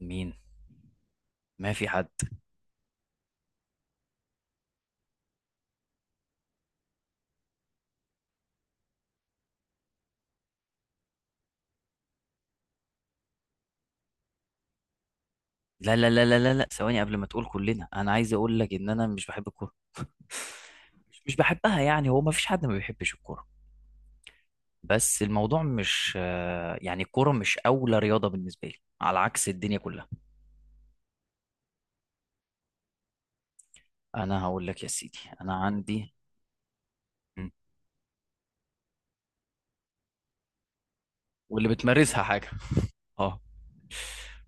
مين؟ ما في حد. لا لا لا لا لا لا، ثواني، قبل ما تقول كلنا انا عايز اقول لك ان انا مش بحب الكوره. مش بحبها، يعني هو ما فيش حد ما بيحبش الكوره. بس الموضوع مش يعني الكوره مش اولى رياضه بالنسبه لي، على عكس الدنيا كلها. انا هقول لك يا سيدي انا عندي. واللي بتمارسها حاجه. اه.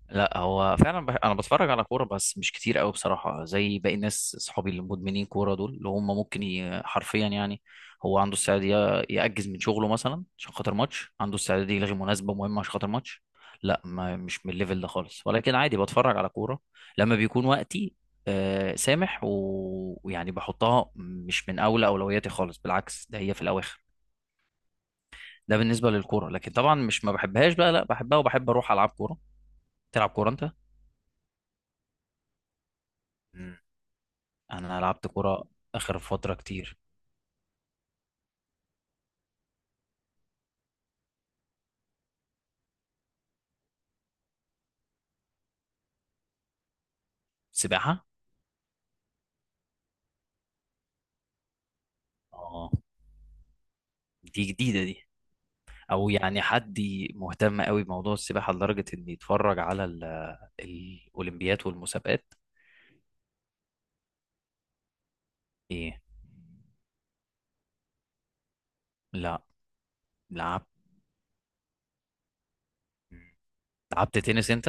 لا، هو فعلا انا بتفرج على كوره بس مش كتير قوي بصراحه، زي باقي الناس. اصحابي اللي مدمنين كوره دول اللي هم ممكن حرفيا، يعني هو عنده استعداد ياجز من شغله مثلا عشان خاطر ماتش، عنده استعداد يلغي مناسبه مهمه عشان خاطر ماتش. لا ما... مش من الليفل ده خالص، ولكن عادي بتفرج على كوره لما بيكون وقتي. سامح و- ويعني بحطها مش من اولى اولوياتي خالص، بالعكس ده هي في الاواخر. ده بالنسبه للكوره، لكن طبعا مش ما بحبهاش بقى، لا بحبها وبحب اروح العب كوره. تلعب كوره انت؟ مم. انا لعبت كوره اخر فتره كتير. سباحه. اه، دي جديده دي. او يعني حد مهتم قوي بموضوع السباحه لدرجه ان يتفرج على الاولمبيات والمسابقات. ايه؟ لا. لعبت. مم. لعبت تنس انت؟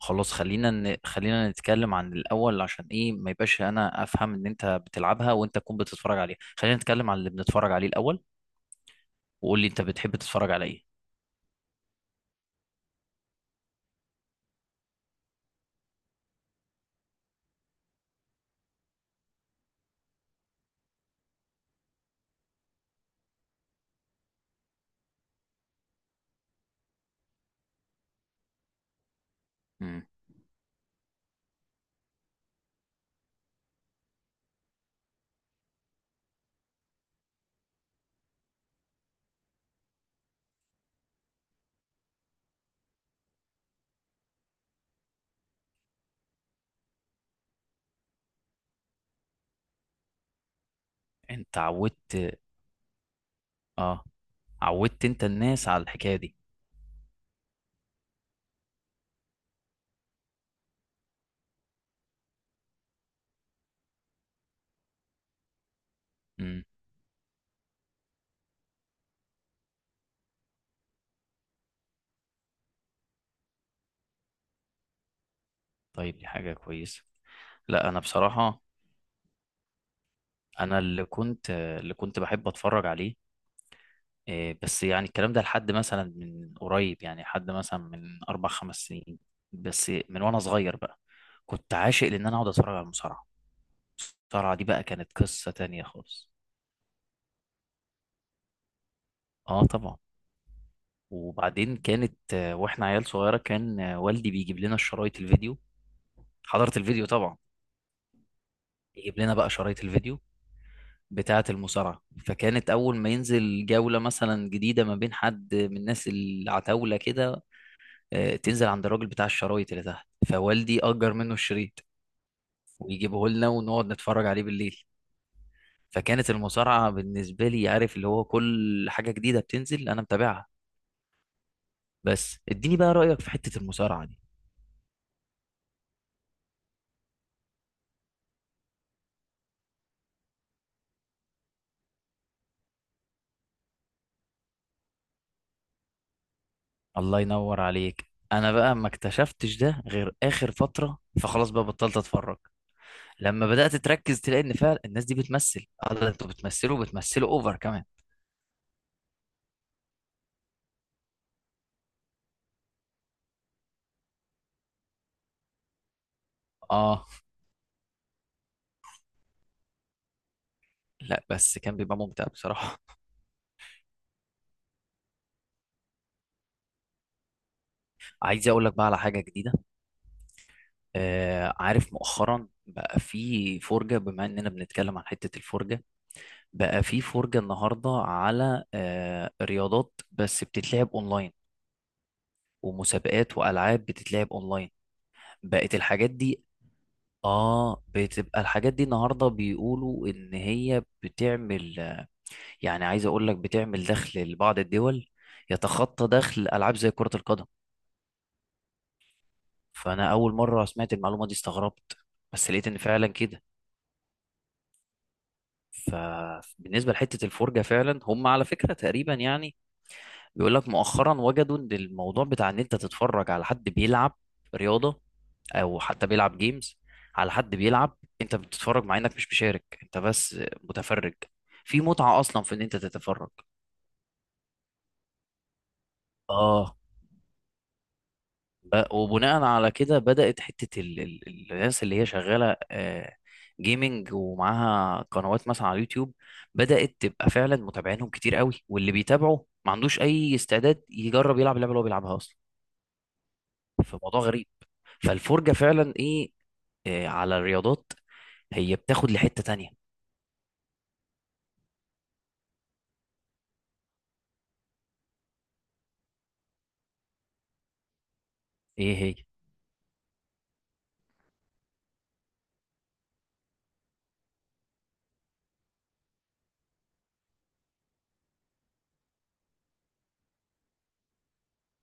خلاص، خلينا نتكلم عن الاول عشان ايه ما يبقاش انا افهم ان انت بتلعبها وانت تكون بتتفرج عليها. خلينا نتكلم عن اللي بنتفرج عليه الاول، وقول لي انت بتحب تتفرج على ايه. امم. انت عودت. اه، عودت انت الناس على الحكايه دي. امم. طيب، دي حاجه كويسه. لا، انا بصراحه. انا اللي كنت بحب اتفرج عليه، إيه، بس يعني الكلام ده لحد مثلا من قريب، يعني لحد مثلا من 4 5 سنين. بس من وانا صغير بقى كنت عاشق لان انا اقعد اتفرج على المصارعه. المصارعه دي بقى كانت قصه تانية خالص. اه طبعا. وبعدين كانت واحنا عيال صغيره كان والدي بيجيب لنا الشرايط الفيديو. حضرت الفيديو طبعا. يجيب لنا بقى شرايط الفيديو بتاعة المصارعة. فكانت أول ما ينزل جولة مثلا جديدة ما بين حد من الناس العتاولة كده، تنزل عند الراجل بتاع الشرايط اللي تحت، فوالدي أجر منه الشريط ويجيبه لنا ونقعد نتفرج عليه بالليل. فكانت المصارعة بالنسبة لي، عارف، اللي هو كل حاجة جديدة بتنزل أنا متابعها. بس اديني بقى رأيك في حتة المصارعة دي. الله ينور عليك. أنا بقى ما اكتشفتش ده غير آخر فترة، فخلاص بقى بطلت أتفرج. لما بدأت تركز تلاقي ان فعلا الناس دي بتمثل. اه ده انتوا بتمثلوا اوفر كمان. اه. لا بس كان بيبقى ممتع بصراحة. عايز اقول لك بقى على حاجة جديدة. آه عارف مؤخرا بقى في فرجة. بما اننا بنتكلم عن حتة الفرجة، بقى في فرجة النهاردة على رياضات بس بتتلعب اونلاين ومسابقات والعاب بتتلعب اونلاين. بقت الحاجات دي. اه، بتبقى الحاجات دي النهارده بيقولوا ان هي بتعمل، يعني عايز اقول لك بتعمل دخل لبعض الدول يتخطى دخل العاب زي كرة القدم. فانا اول مرة سمعت المعلومة دي استغربت، بس لقيت ان فعلا كده. فبالنسبة لحتة الفرجة فعلا، هم على فكرة تقريبا يعني بيقول لك مؤخرا وجدوا ان الموضوع بتاع ان انت تتفرج على حد بيلعب رياضة، او حتى بيلعب جيمز، على حد بيلعب انت بتتفرج، مع انك مش مشارك، انت بس متفرج. في متعة اصلا في ان انت تتفرج. اه ب- وبناء على كده بدأت حتة الناس اللي هي شغالة جيمنج ومعاها قنوات مثلا على اليوتيوب، بدأت تبقى فعلا متابعينهم كتير قوي، واللي بيتابعه ما عندوش أي استعداد يجرب يلعب اللعبة اللي هو بيلعبها أصلا. فموضوع غريب. فالفرجة فعلا إيه، على الرياضات، هي بتاخد لحتة تانية. إيه هي؟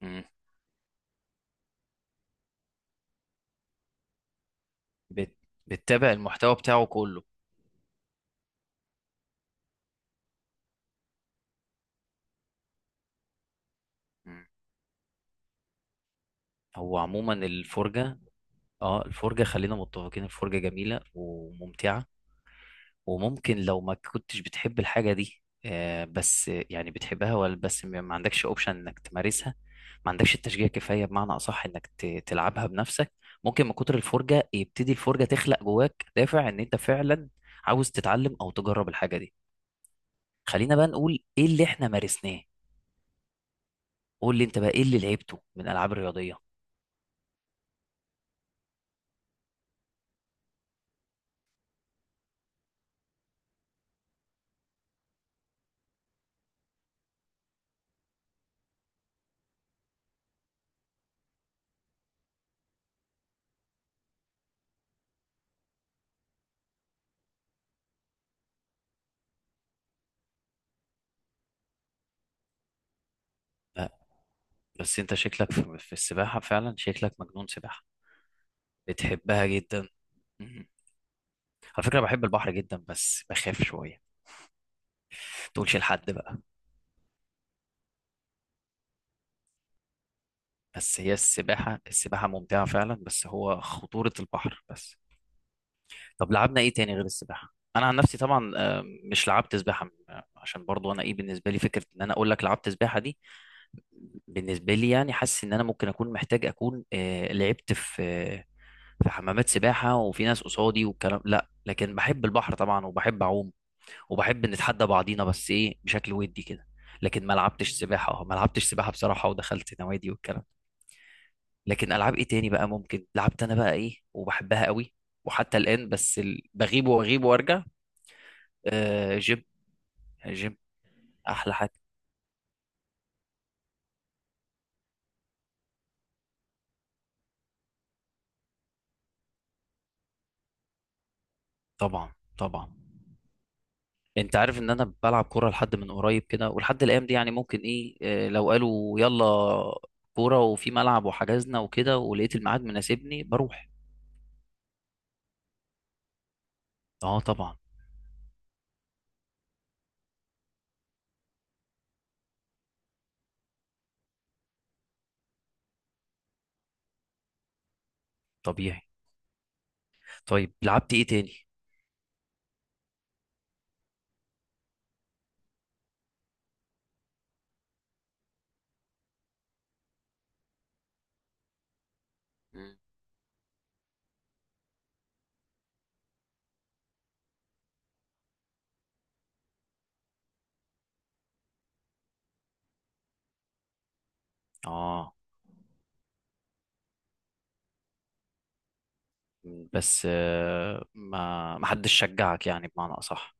مم. بت- بتتابع المحتوى بتاعه كله. مم. هو عموما الفرجة، اه الفرجة، خلينا متفقين، الفرجة جميلة وممتعة، وممكن لو ما كنتش بتحب الحاجة دي بس يعني بتحبها، ولا بس ما عندكش اوبشن انك تمارسها، ما عندكش التشجيع كفاية، بمعنى اصح انك تلعبها بنفسك، ممكن من كتر الفرجة يبتدي الفرجة تخلق جواك دافع ان انت فعلا عاوز تتعلم او تجرب الحاجة دي. خلينا بقى نقول ايه اللي احنا مارسناه. قول لي انت بقى ايه اللي لعبته من العاب رياضية. آه، بس انت شكلك في السباحة فعلا، شكلك مجنون سباحة. بتحبها جدا. مم. على فكرة بحب البحر جدا، بس بخاف شوية. تقولش لحد بقى. بس هي السباحة، السباحة ممتعة فعلا، بس هو خطورة البحر بس. طب لعبنا ايه تاني غير السباحة؟ انا عن نفسي طبعا مش لعبت سباحة عشان برضو انا ايه، بالنسبة لي فكرة ان انا اقول لك لعبت سباحة دي، بالنسبة لي يعني حاسس ان انا ممكن اكون محتاج اكون لعبت في في حمامات سباحة وفي ناس قصادي والكلام، لا. لكن بحب البحر طبعا وبحب اعوم وبحب نتحدى بعضينا، بس ايه، بشكل ودي كده. لكن ما لعبتش سباحة. اه ما لعبتش سباحة بصراحة ودخلت نوادي والكلام. لكن العاب ايه تاني بقى ممكن لعبت انا بقى ايه وبحبها قوي وحتى الان، بس بغيب واغيب وارجع. آه جيم. جيم. احلى حاجه. طبعا. طبعا. انت عارف ان انا بلعب كوره لحد من قريب كده، ولحد الايام دي يعني ممكن ايه، آه لو قالوا يلا كوره وفي ملعب وحجزنا وكده ولقيت الميعاد مناسبني بروح. اه طبعا. طبيعي. طيب لعبت ايه تاني؟ مم. اه، بس آه ما حدش شجعك، يعني بمعنى اصح.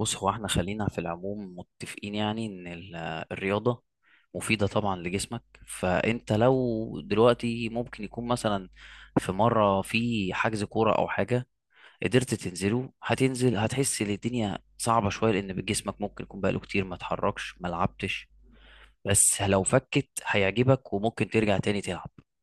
بص هو احنا خلينا في العموم متفقين يعني ان الرياضة مفيدة طبعا لجسمك، فانت لو دلوقتي ممكن يكون مثلا في مرة في حجز كورة او حاجة قدرت تنزله هتنزل، هتحس ان الدنيا صعبة شوية لان جسمك ممكن يكون بقاله كتير ما اتحركش ما لعبتش. بس لو فكت هيعجبك وممكن ترجع تاني تلعب.